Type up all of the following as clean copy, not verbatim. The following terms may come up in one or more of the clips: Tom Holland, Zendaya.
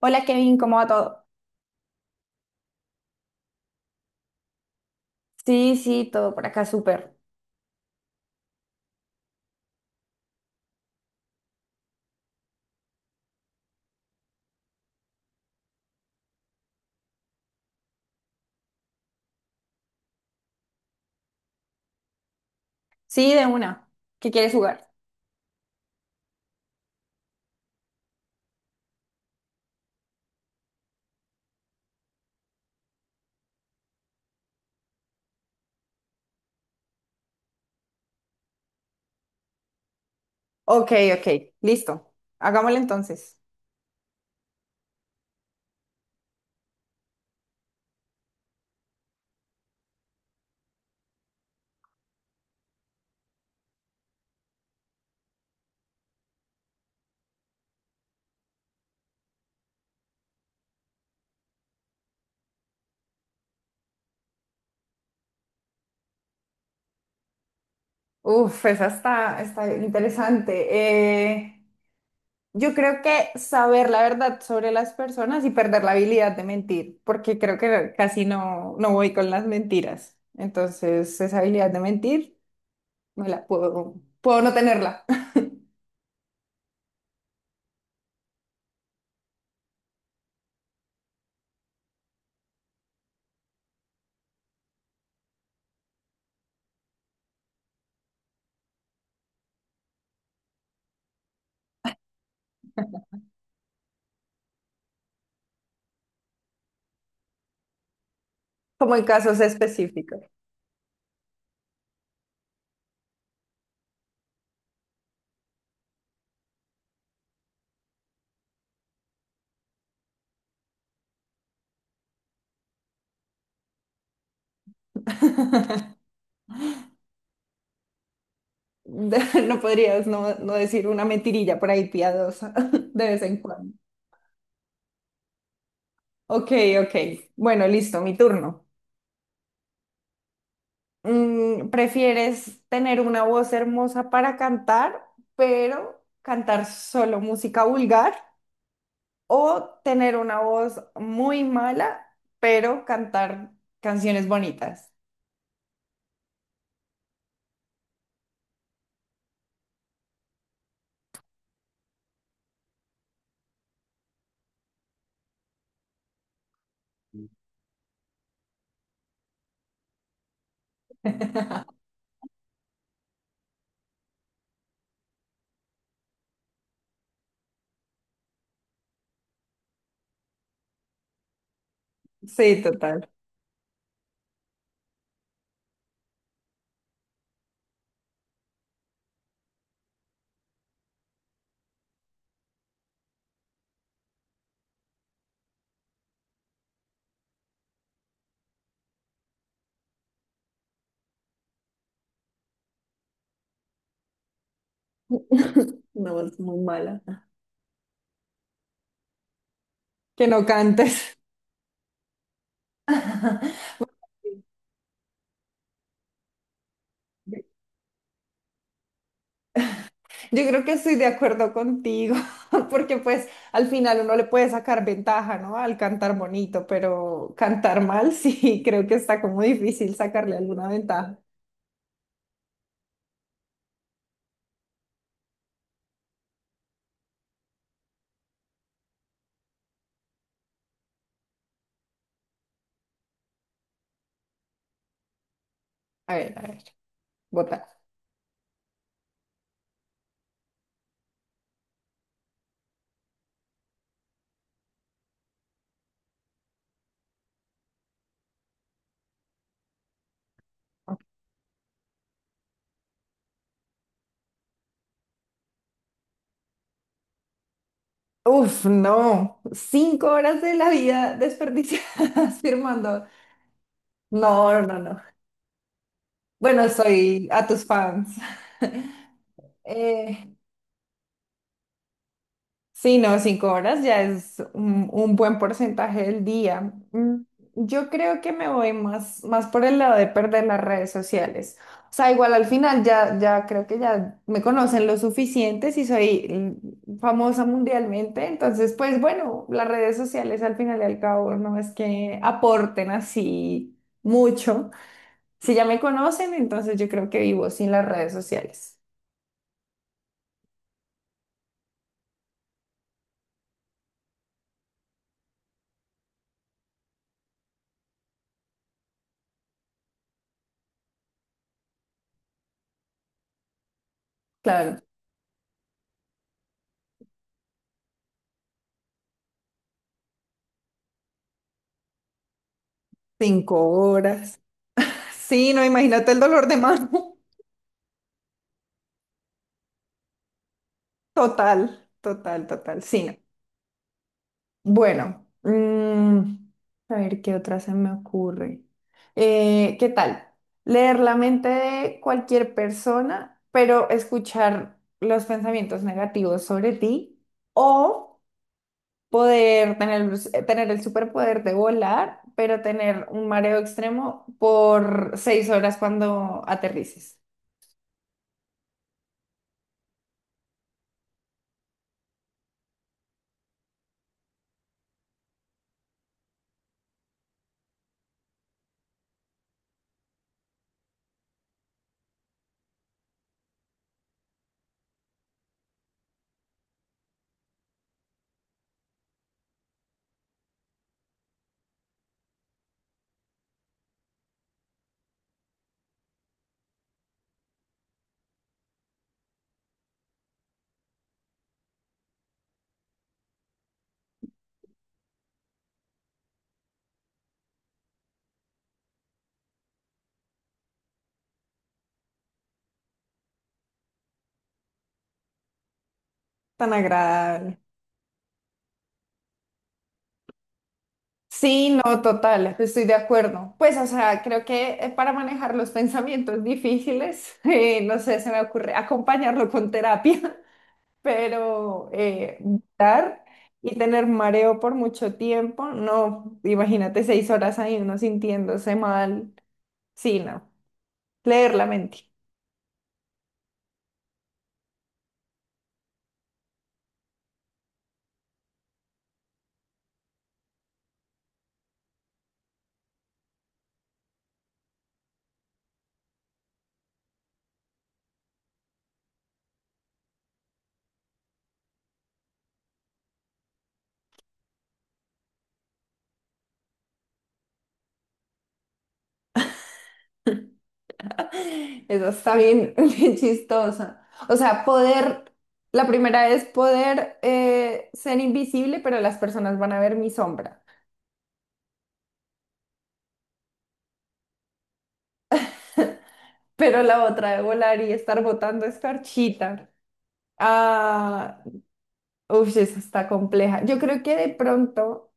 Hola Kevin, ¿cómo va todo? Sí, sí, todo por acá, súper. Sí, de una. ¿Qué quieres jugar? Ok, ok, listo. Hagámoslo entonces. Uf, esa está interesante. Eh, yo creo que saber la verdad sobre las personas y perder la habilidad de mentir, porque creo que casi no, no voy con las mentiras. Entonces, esa habilidad de mentir, me la puedo, puedo no tenerla, como en casos específicos. No podrías no, no decir una mentirilla por ahí piadosa de vez en cuando. Ok, ok. Bueno, listo, mi turno. ¿Prefieres tener una voz hermosa para cantar, pero cantar solo música vulgar? ¿O tener una voz muy mala, pero cantar canciones bonitas? Sí, total. Una voz muy mala. Que no cantes. Yo creo que estoy de acuerdo contigo, porque pues al final uno le puede sacar ventaja, ¿no? Al cantar bonito, pero cantar mal, sí, creo que está como difícil sacarle alguna ventaja. A ver, votar. Uf, no, cinco horas de la vida desperdiciadas firmando. No, no, no. Bueno, soy a tus fans. Eh, Sí, no, 5 horas ya es un buen porcentaje del día. Yo creo que me voy más por el lado de perder las redes sociales. O sea, igual al final ya, ya creo que ya me conocen lo suficiente si soy famosa mundialmente. Entonces, pues bueno, las redes sociales al final y al cabo no es que aporten así mucho. Si ya me conocen, entonces yo creo que vivo sin las redes sociales. Claro, 5 horas. Sí, no, imagínate el dolor de mano. Total, total, total. Sí, no. Bueno, a ver qué otra se me ocurre. ¿Qué tal? Leer la mente de cualquier persona, pero escuchar los pensamientos negativos sobre ti, o poder tener el superpoder de volar, pero tener un mareo extremo por 6 horas cuando aterrices. Tan agradable. Sí, no, total, estoy de acuerdo. Pues, o sea, creo que para manejar los pensamientos difíciles, no sé, se me ocurre acompañarlo con terapia, pero vomitar y tener mareo por mucho tiempo, no, imagínate 6 horas ahí uno sintiéndose mal, sí, no, leer la mente. Eso está bien, bien chistosa. O sea, poder, la primera es poder ser invisible, pero las personas van a ver mi sombra. Pero la otra de volar y estar botando escarchita. Ah, uff, esa está compleja. Yo creo que de pronto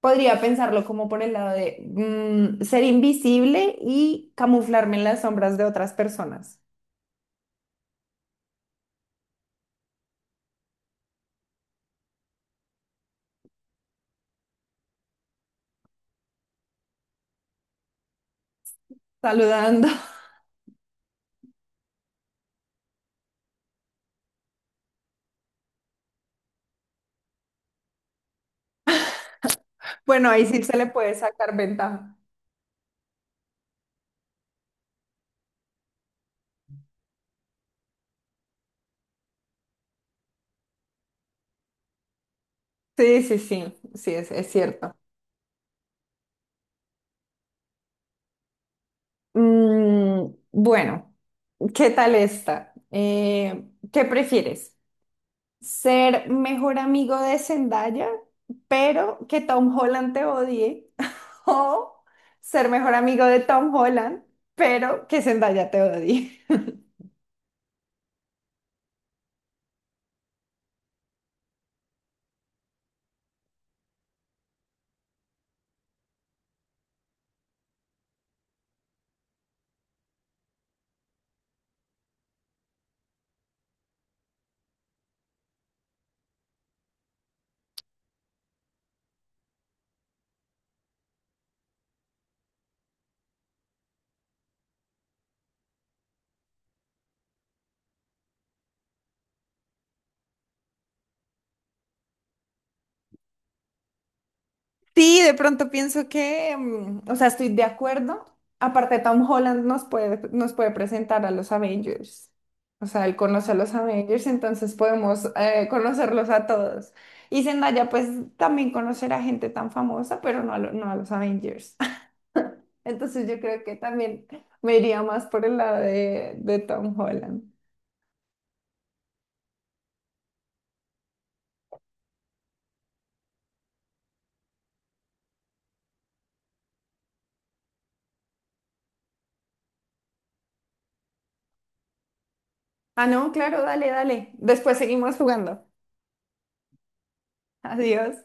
podría pensarlo como por el lado de ser invisible y camuflarme en las sombras de otras personas. Saludando. Bueno, ahí sí se le puede sacar ventaja. Sí, sí, sí, sí, es cierto. Mm, bueno, ¿qué tal esta? ¿Qué prefieres? ¿Ser mejor amigo de Zendaya, pero que Tom Holland te odie, o ser mejor amigo de Tom Holland, pero que Zendaya te odie? Sí, de pronto pienso que, mm, o sea, estoy de acuerdo. Aparte, Tom Holland nos puede presentar a los Avengers. O sea, él conoce a los Avengers, entonces podemos conocerlos a todos. Y Zendaya, pues, también conocerá gente tan famosa, pero no a lo- no a los Avengers. Entonces yo creo que también me iría más por el lado de Tom Holland. Ah, no, claro, dale, dale. Después seguimos jugando. Adiós.